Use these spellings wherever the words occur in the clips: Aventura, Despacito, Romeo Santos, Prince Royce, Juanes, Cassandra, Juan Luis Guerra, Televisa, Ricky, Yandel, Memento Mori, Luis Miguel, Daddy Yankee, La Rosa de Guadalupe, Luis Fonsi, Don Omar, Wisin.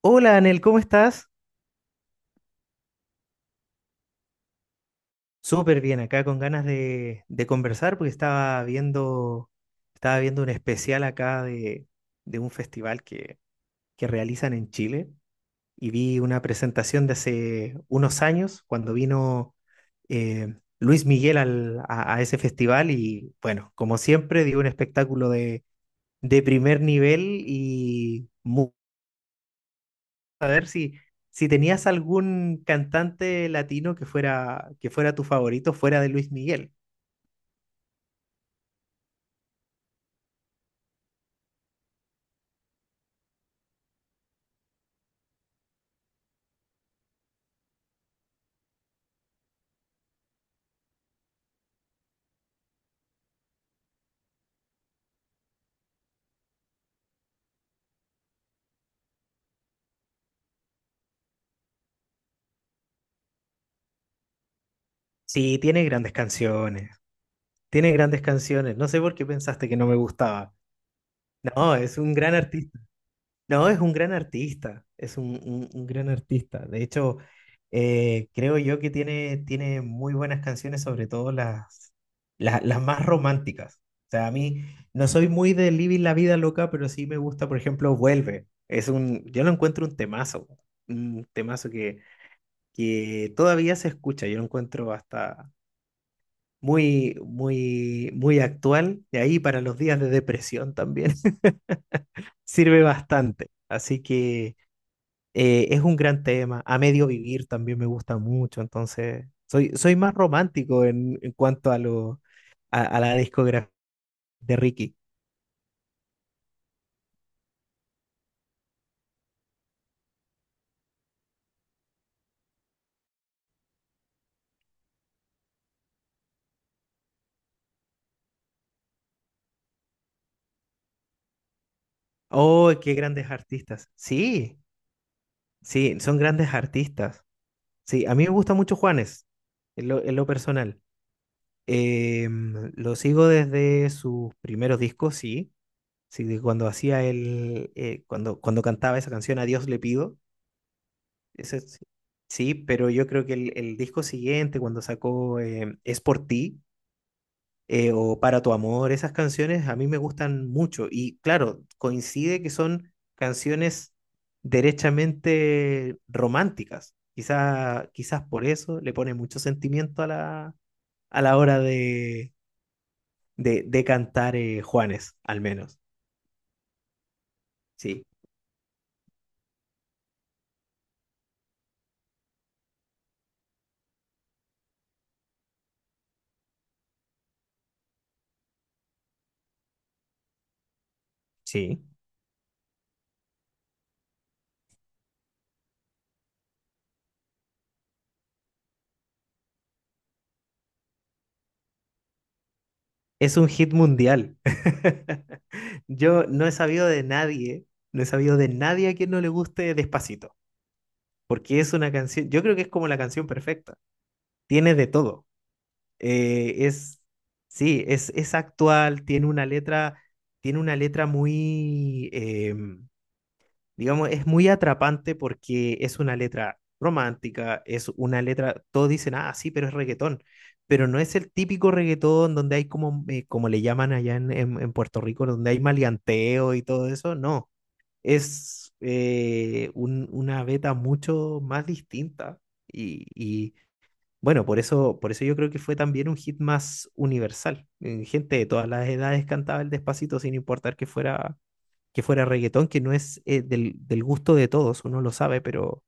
Hola, Anel, ¿cómo estás? Súper bien, acá con ganas de conversar porque estaba estaba viendo un especial acá de un festival que realizan en Chile y vi una presentación de hace unos años cuando vino eh, Luis Miguel a ese festival y bueno, como siempre, dio un espectáculo de primer nivel y saber si tenías algún cantante latino que fuera tu favorito fuera de Luis Miguel. Sí, tiene grandes canciones, tiene grandes canciones. No sé por qué pensaste que no me gustaba. No, es un gran artista. No, es un gran artista, es un gran artista. De hecho, creo yo que tiene muy buenas canciones, sobre todo las más románticas. O sea, a mí no soy muy de Living la Vida Loca, pero sí me gusta, por ejemplo, Vuelve. Es un, yo lo encuentro un temazo, un temazo que todavía se escucha. Yo lo encuentro hasta muy actual. Y ahí para los días de depresión también sirve bastante. Así que... Es un gran tema. A medio vivir también me gusta mucho, entonces soy más romántico en cuanto a la discografía de Ricky. ¡Oh, qué grandes artistas! Sí, sí, son grandes artistas. Sí, a mí me gusta mucho Juanes, en lo personal. Lo sigo desde sus primeros discos, sí. Sí, de cuando hacía cuando cantaba esa canción A Dios le pido. Ese sí. Sí, pero yo creo que el disco siguiente, cuando sacó Es por ti o Para tu amor, esas canciones a mí me gustan mucho. Y claro, coincide que son canciones derechamente románticas. Quizás por eso le pone mucho sentimiento a a la hora de cantar, Juanes, al menos. Sí, sí. Es un hit mundial. Yo no he sabido de nadie, no he sabido de nadie a quien no le guste Despacito, porque es una canción, yo creo que es como la canción perfecta. Tiene de todo. Eh, es, sí, es actual, tiene una letra muy, digamos, es muy atrapante porque es una letra romántica, es una letra, todos dicen, ah, sí, pero es reggaetón, pero no es el típico reggaetón donde hay como, como le llaman allá en Puerto Rico, donde hay maleanteo y todo eso, no, es una beta mucho más distinta y, y, bueno, por por eso yo creo que fue también un hit más universal. Gente de todas las edades cantaba el Despacito sin importar que fuera reggaetón, que no es del gusto de todos, uno lo sabe,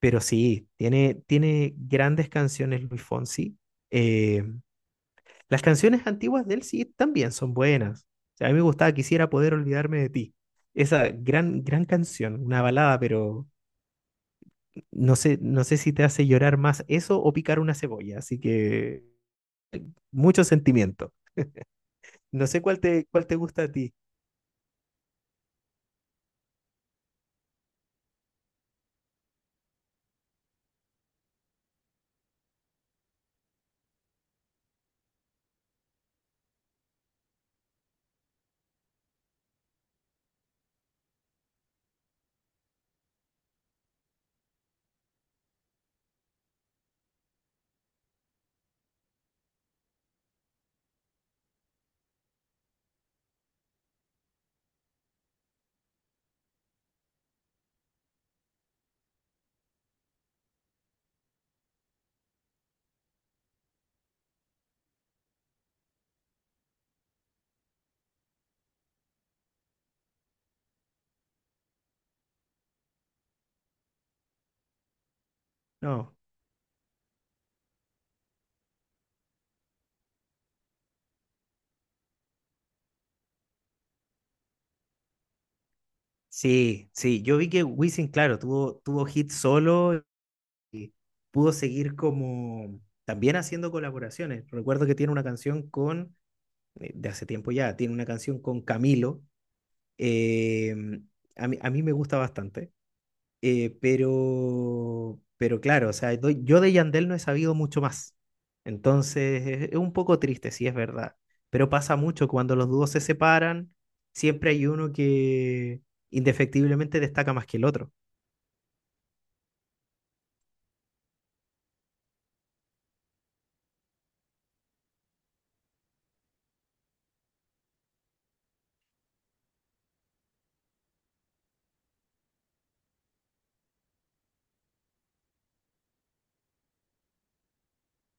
pero sí, tiene grandes canciones Luis Fonsi. Eh, las canciones antiguas de él sí también son buenas. O sea, a mí me gustaba Quisiera poder olvidarme de ti. Esa gran, gran canción, una balada, pero no no sé si te hace llorar más eso o picar una cebolla, así que mucho sentimiento. No sé cuál te gusta a ti. No. Sí, sí, yo vi que Wisin, claro, tuvo hit solo y pudo seguir como también haciendo colaboraciones. Recuerdo que tiene una canción con de hace tiempo ya, tiene una canción con Camilo. eh, a mí me gusta bastante, pero claro, o sea, yo de Yandel no he sabido mucho más. Entonces, es un poco triste, sí es verdad, pero pasa mucho cuando los dúos se separan, siempre hay uno que indefectiblemente destaca más que el otro.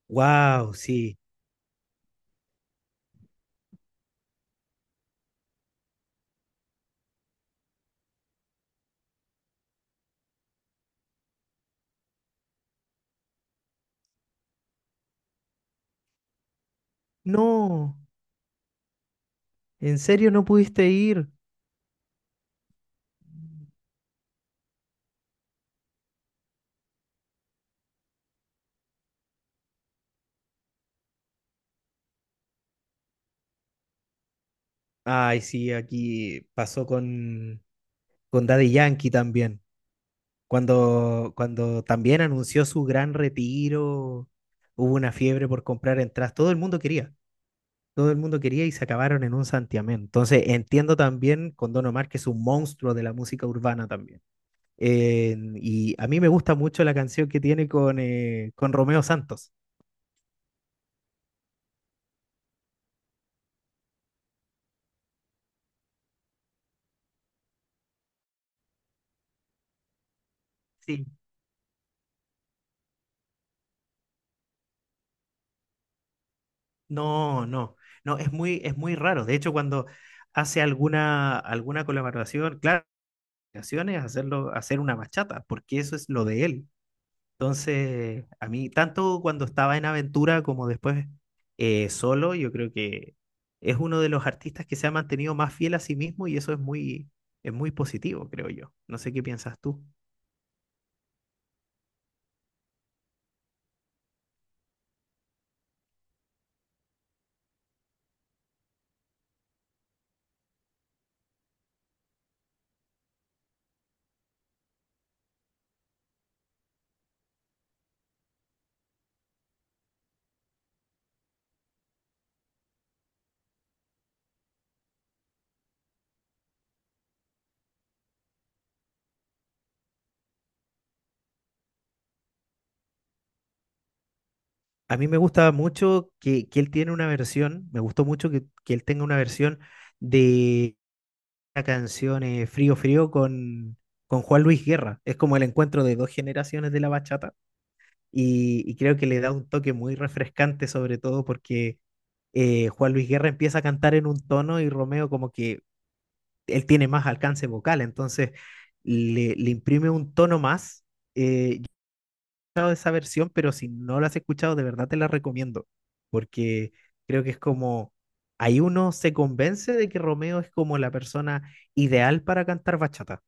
Wow, sí. No, ¿en serio no pudiste ir? Ay, sí, aquí pasó con Daddy Yankee también. Cuando también anunció su gran retiro, hubo una fiebre por comprar entradas. Todo el mundo quería, todo el mundo quería y se acabaron en un santiamén. Entonces, entiendo también con Don Omar, que es un monstruo de la música urbana también. Y a mí me gusta mucho la canción que tiene con Romeo Santos. Sí. No, no, no, es muy raro. De hecho, cuando hace alguna colaboración, claro, ocasiones, hacerlo, hacer una bachata, porque eso es lo de él. Entonces, a mí, tanto cuando estaba en Aventura como después, solo, yo creo que es uno de los artistas que se ha mantenido más fiel a sí mismo y eso es es muy positivo, creo yo. No sé qué piensas tú. A mí me gusta mucho que él tiene una versión, me gustó mucho que él tenga una versión de la canción, Frío Frío con Juan Luis Guerra. Es como el encuentro de dos generaciones de la bachata y creo que le da un toque muy refrescante, sobre todo porque, Juan Luis Guerra empieza a cantar en un tono y Romeo, como que él tiene más alcance vocal, entonces le imprime un tono más. Yo esa versión, pero si no la has escuchado, de verdad te la recomiendo, porque creo que es como ahí uno se convence de que Romeo es como la persona ideal para cantar bachata.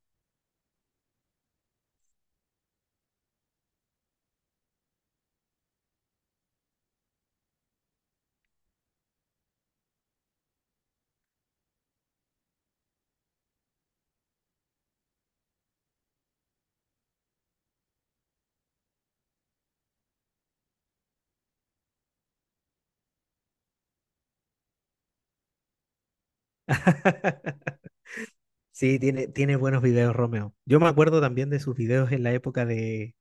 Sí, tiene, tiene buenos videos, Romeo. Yo me acuerdo también de sus videos en la época de,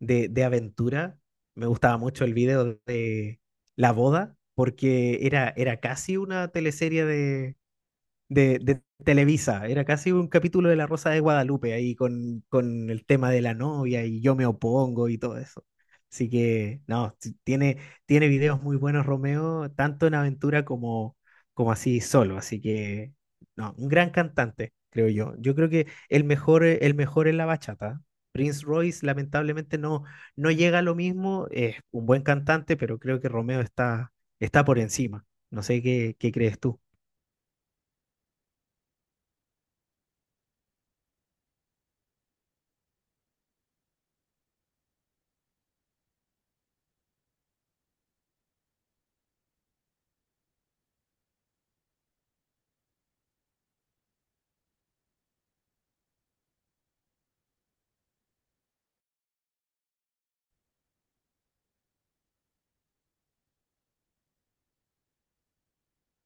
de, de aventura. Me gustaba mucho el video de La Boda, porque era casi una teleserie de Televisa. Era casi un capítulo de La Rosa de Guadalupe ahí con el tema de la novia y yo me opongo y todo eso. Así que, no, tiene videos muy buenos Romeo, tanto en aventura como así solo. Así que, no, un gran cantante, creo yo. Yo creo que el el mejor es la bachata. Prince Royce lamentablemente no llega a lo mismo, es un buen cantante, pero creo que Romeo está por encima. No sé qué crees tú.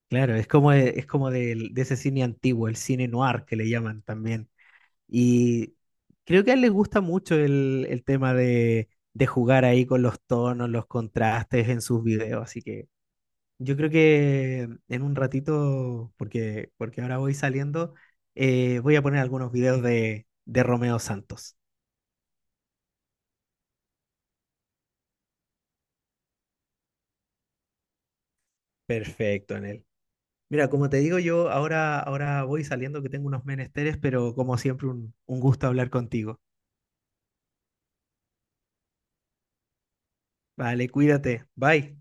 Claro, es como, ese cine antiguo, el cine noir que le llaman también. Y creo que a él le gusta mucho el tema de jugar ahí con los tonos, los contrastes en sus videos. Así que yo creo que en un ratito, porque ahora voy saliendo, voy a poner algunos videos de Romeo Santos. Perfecto, en él. Mira, como te digo, yo ahora voy saliendo que tengo unos menesteres, pero como siempre, un gusto hablar contigo. Vale, cuídate. Bye.